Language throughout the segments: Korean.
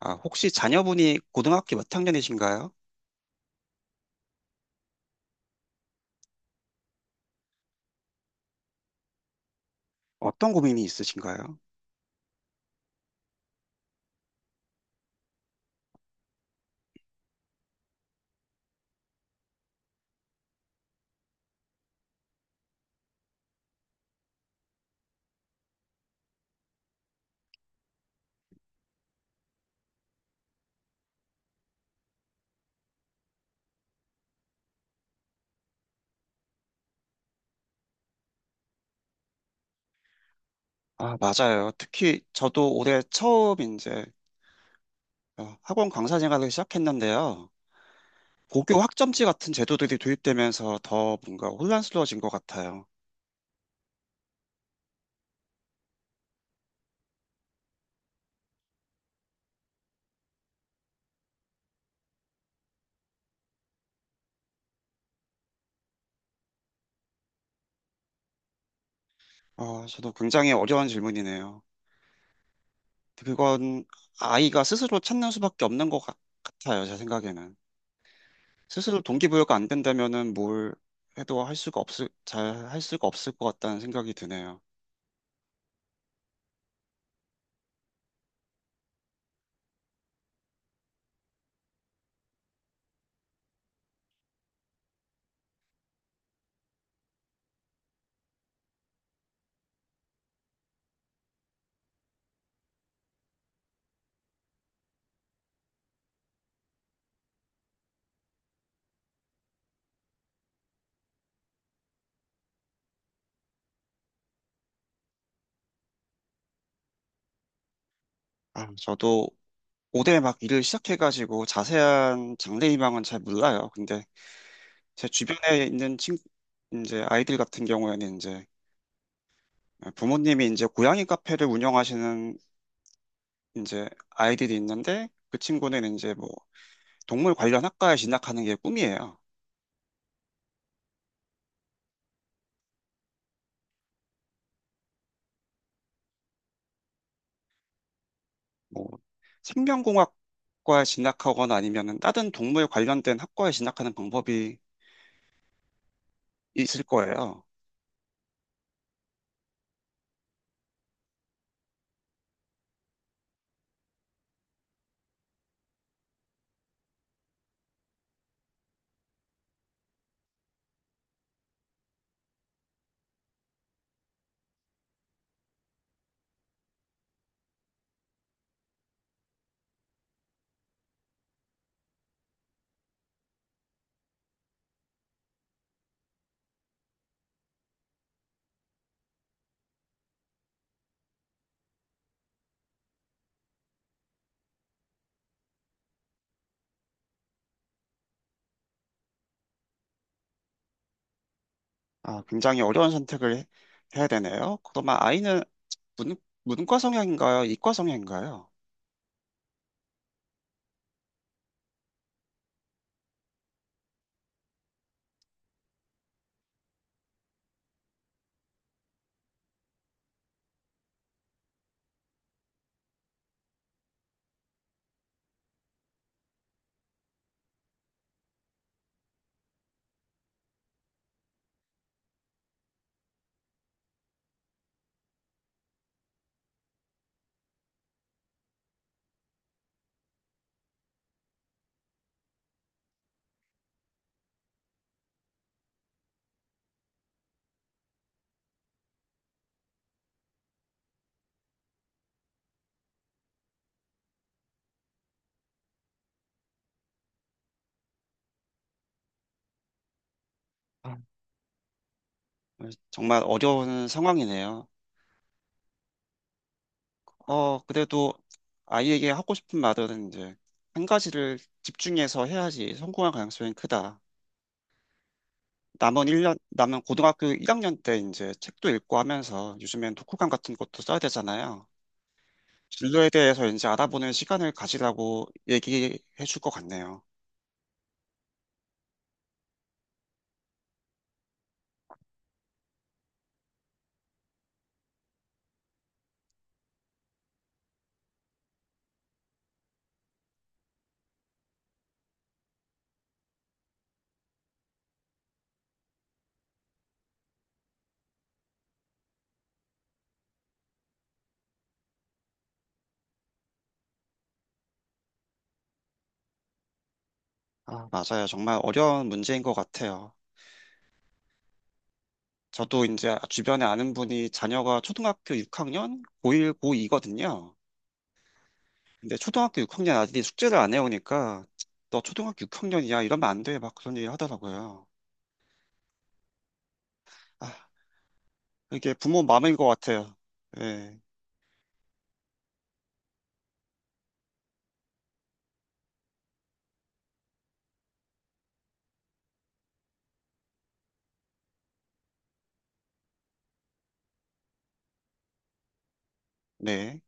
아, 혹시 자녀분이 고등학교 몇 학년이신가요? 어떤 고민이 있으신가요? 아, 맞아요. 특히 저도 올해 처음 이제 학원 강사 생활을 시작했는데요. 고교 학점제 같은 제도들이 도입되면서 더 뭔가 혼란스러워진 것 같아요. 아, 저도 굉장히 어려운 질문이네요. 그건 아이가 스스로 찾는 수밖에 없는 것 같아요. 제 생각에는. 스스로 동기부여가 안 된다면은 뭘 해도 할 수가 없을, 잘 할 수가 없을 것 같다는 생각이 드네요. 아, 저도 올대막 일을 시작해가지고 자세한 장래 희망은 잘 몰라요. 근데 제 주변에 있는 이제 아이들 같은 경우에는 이제 부모님이 이제 고양이 카페를 운영하시는 이제 아이들이 있는데 그 친구는 이제 뭐 동물 관련 학과에 진학하는 게 꿈이에요. 뭐 생명공학과에 진학하거나 아니면은 다른 동물 관련된 학과에 진학하는 방법이 있을 거예요. 아, 굉장히 어려운 선택을 해야 되네요. 그러면 아이는 문, 문과 성향인가요? 이과 성향인가요? 아, 정말 어려운 상황이네요. 그래도 아이에게 하고 싶은 말은 이제 한 가지를 집중해서 해야지 성공할 가능성이 크다. 남은 일 년 남은 고등학교 1학년 때 이제 책도 읽고 하면서 요즘엔 독후감 같은 것도 써야 되잖아요. 진로에 대해서 이제 알아보는 시간을 가지라고 얘기해 줄 것 같네요. 아, 맞아요. 정말 어려운 문제인 것 같아요. 저도 이제 주변에 아는 분이 자녀가 초등학교 6학년, 고1, 고2거든요. 근데 초등학교 6학년 아들이 숙제를 안 해오니까 너 초등학교 6학년이야 이러면 안 돼 막 그런 얘기 하더라고요. 아, 이게 부모 마음인 것 같아요. 네, 네.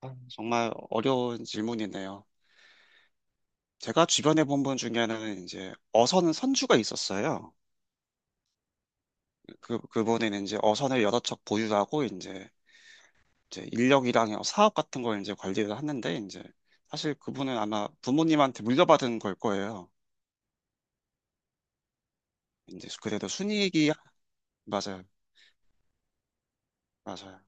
아, 정말 어려운 질문이네요. 제가 주변에 본 분 중에는 이제 어선 선주가 있었어요. 그분은 이제 어선을 여러 척 보유하고 이제 인력이랑 사업 같은 걸 이제 관리를 하는데 이제 사실 그분은 아마 부모님한테 물려받은 걸 거예요. 이제 그래도 순이익이 맞아요, 맞아요.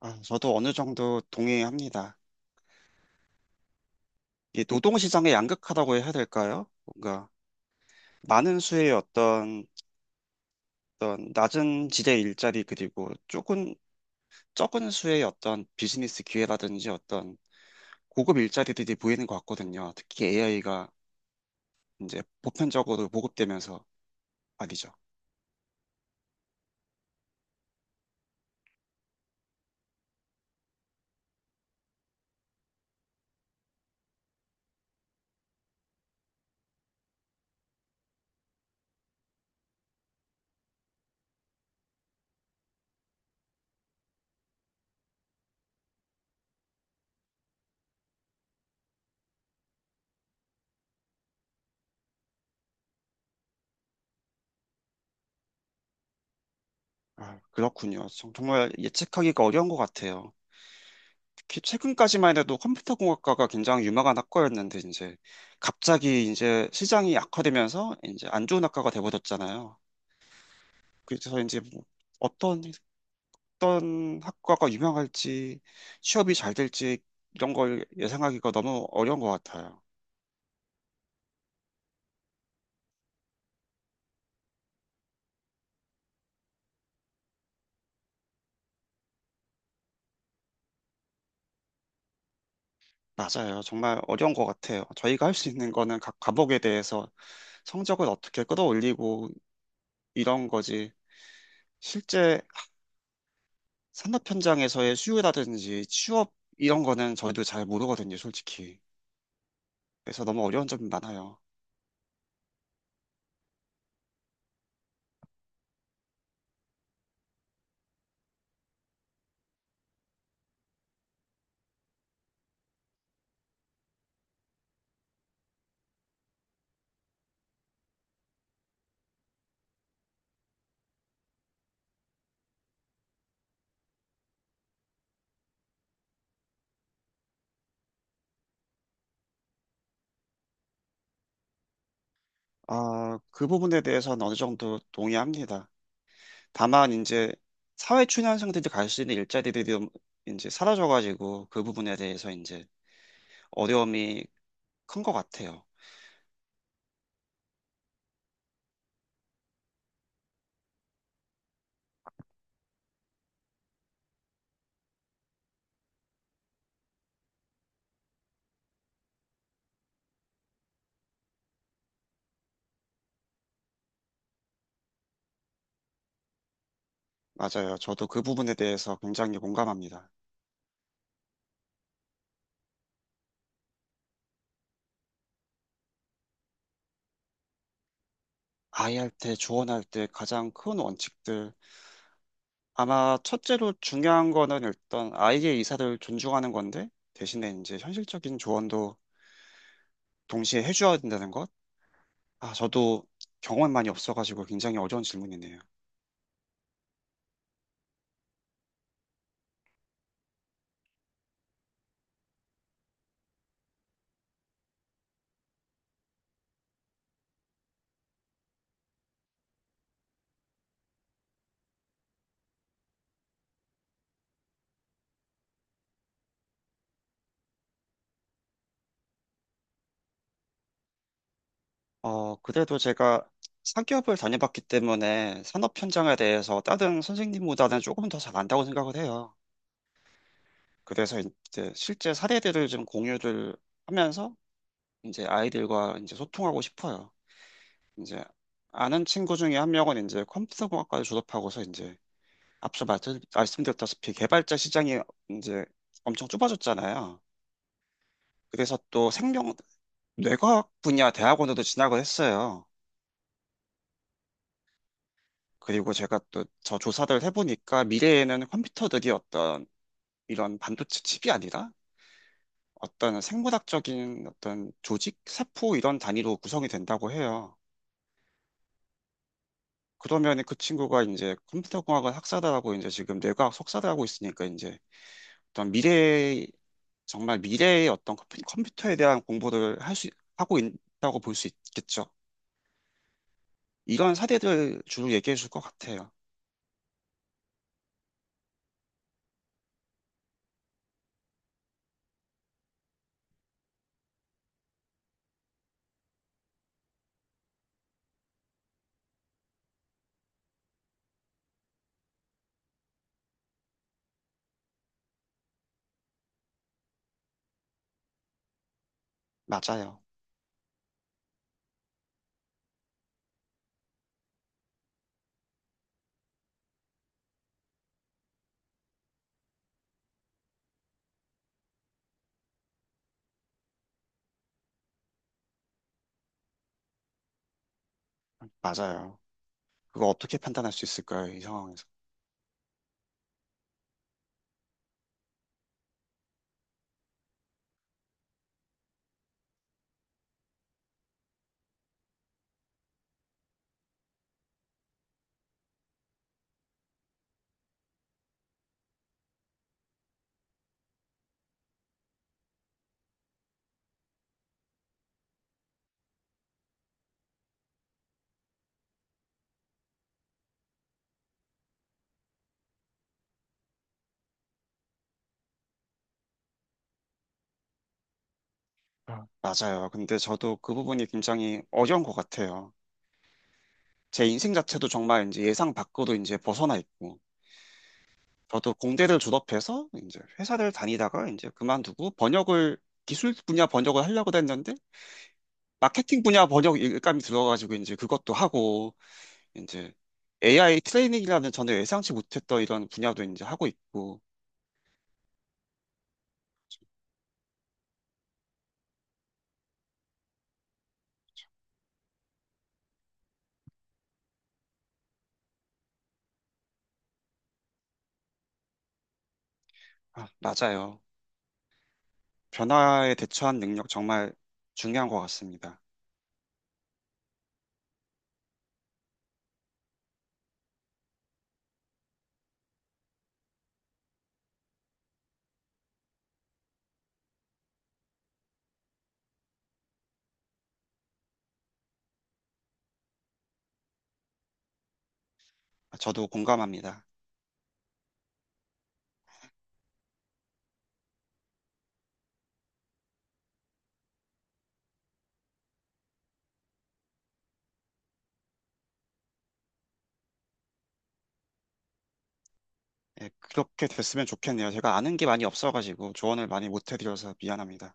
아, 저도 어느 정도 동의합니다. 이 노동시장의 양극화라고 해야 될까요? 뭔가 많은 수의 어떤 낮은 지대 일자리 그리고 조금 적은 수의 어떤 비즈니스 기회라든지 어떤 고급 일자리들이 보이는 것 같거든요. 특히 AI가 이제 보편적으로 보급되면서 말이죠. 아, 그렇군요. 정말 예측하기가 어려운 것 같아요. 최근까지만 해도 컴퓨터 공학과가 굉장히 유망한 학과였는데 이제 갑자기 이제 시장이 악화되면서 이제 안 좋은 학과가 돼버렸잖아요. 그래서 이제 뭐 어떤 어떤 학과가 유명할지 취업이 잘 될지 이런 걸 예상하기가 너무 어려운 것 같아요. 맞아요. 정말 어려운 것 같아요. 저희가 할 수 있는 거는 각 과목에 대해서 성적을 어떻게 끌어올리고 이런 거지. 실제 산업 현장에서의 수요라든지 취업 이런 거는 저희도 잘 모르거든요, 솔직히. 그래서 너무 어려운 점이 많아요. 아, 그 부분에 대해서는 어느 정도 동의합니다. 다만 이제 사회 초년생들이 갈 수 있는 일자리들이 좀 이제 사라져가지고 그 부분에 대해서 이제 어려움이 큰 것 같아요. 맞아요. 저도 그 부분에 대해서 굉장히 공감합니다. 아이할 때, 조언할 때 가장 큰 원칙들. 아마 첫째로 중요한 거는 일단 아이의 의사를 존중하는 건데 대신에 이제 현실적인 조언도 동시에 해줘야 된다는 것. 아, 저도 경험이 많이 없어가지고 굉장히 어려운 질문이네요. 그래도 제가 상기업을 다녀봤기 때문에 산업 현장에 대해서 다른 선생님보다는 조금 더 잘 안다고 생각을 해요. 그래서 이제 실제 사례들을 좀 공유를 하면서 이제 아이들과 이제 소통하고 싶어요. 이제 아는 친구 중에 한 명은 이제 컴퓨터공학과를 졸업하고서 이제 앞서 말씀드렸다시피 개발자 시장이 이제 엄청 좁아졌잖아요. 그래서 또 생명, 뇌과학 분야 대학원에도 진학을 했어요. 그리고 제가 또 저 조사를 해보니까 미래에는 컴퓨터들이 어떤 이런 반도체 칩이 아니라 어떤 생물학적인 어떤 조직, 세포 이런 단위로 구성이 된다고 해요. 그러면 그 친구가 이제 컴퓨터공학을 학사를 하고 이제 지금 뇌과학 석사를 하고 있으니까 이제 어떤 미래, 정말 미래의 어떤 컴퓨터에 대한 공부를 할 수, 하고 있다고 볼 수 있겠죠. 이런 사례들 주로 얘기해 줄 것 같아요. 맞아요. 맞아요. 그거 어떻게 판단할 수 있을까요? 이 상황에서. 아, 맞아요. 근데 저도 그 부분이 굉장히 어려운 것 같아요. 제 인생 자체도 정말 이제 예상 밖으로 이제 벗어나 있고, 저도 공대를 졸업해서 이제 회사를 다니다가 이제 그만두고 번역을, 기술 분야 번역을 하려고 했는데, 마케팅 분야 번역 일감이 들어가지고 이제 그것도 하고, 이제 AI 트레이닝이라는 저는 예상치 못했던 이런 분야도 이제 하고 있고, 아, 맞아요. 변화에 대처한 능력 정말 중요한 것 같습니다. 아, 저도 공감합니다. 예, 그렇게 됐으면 좋겠네요. 제가 아는 게 많이 없어가지고 조언을 많이 못 해드려서 미안합니다.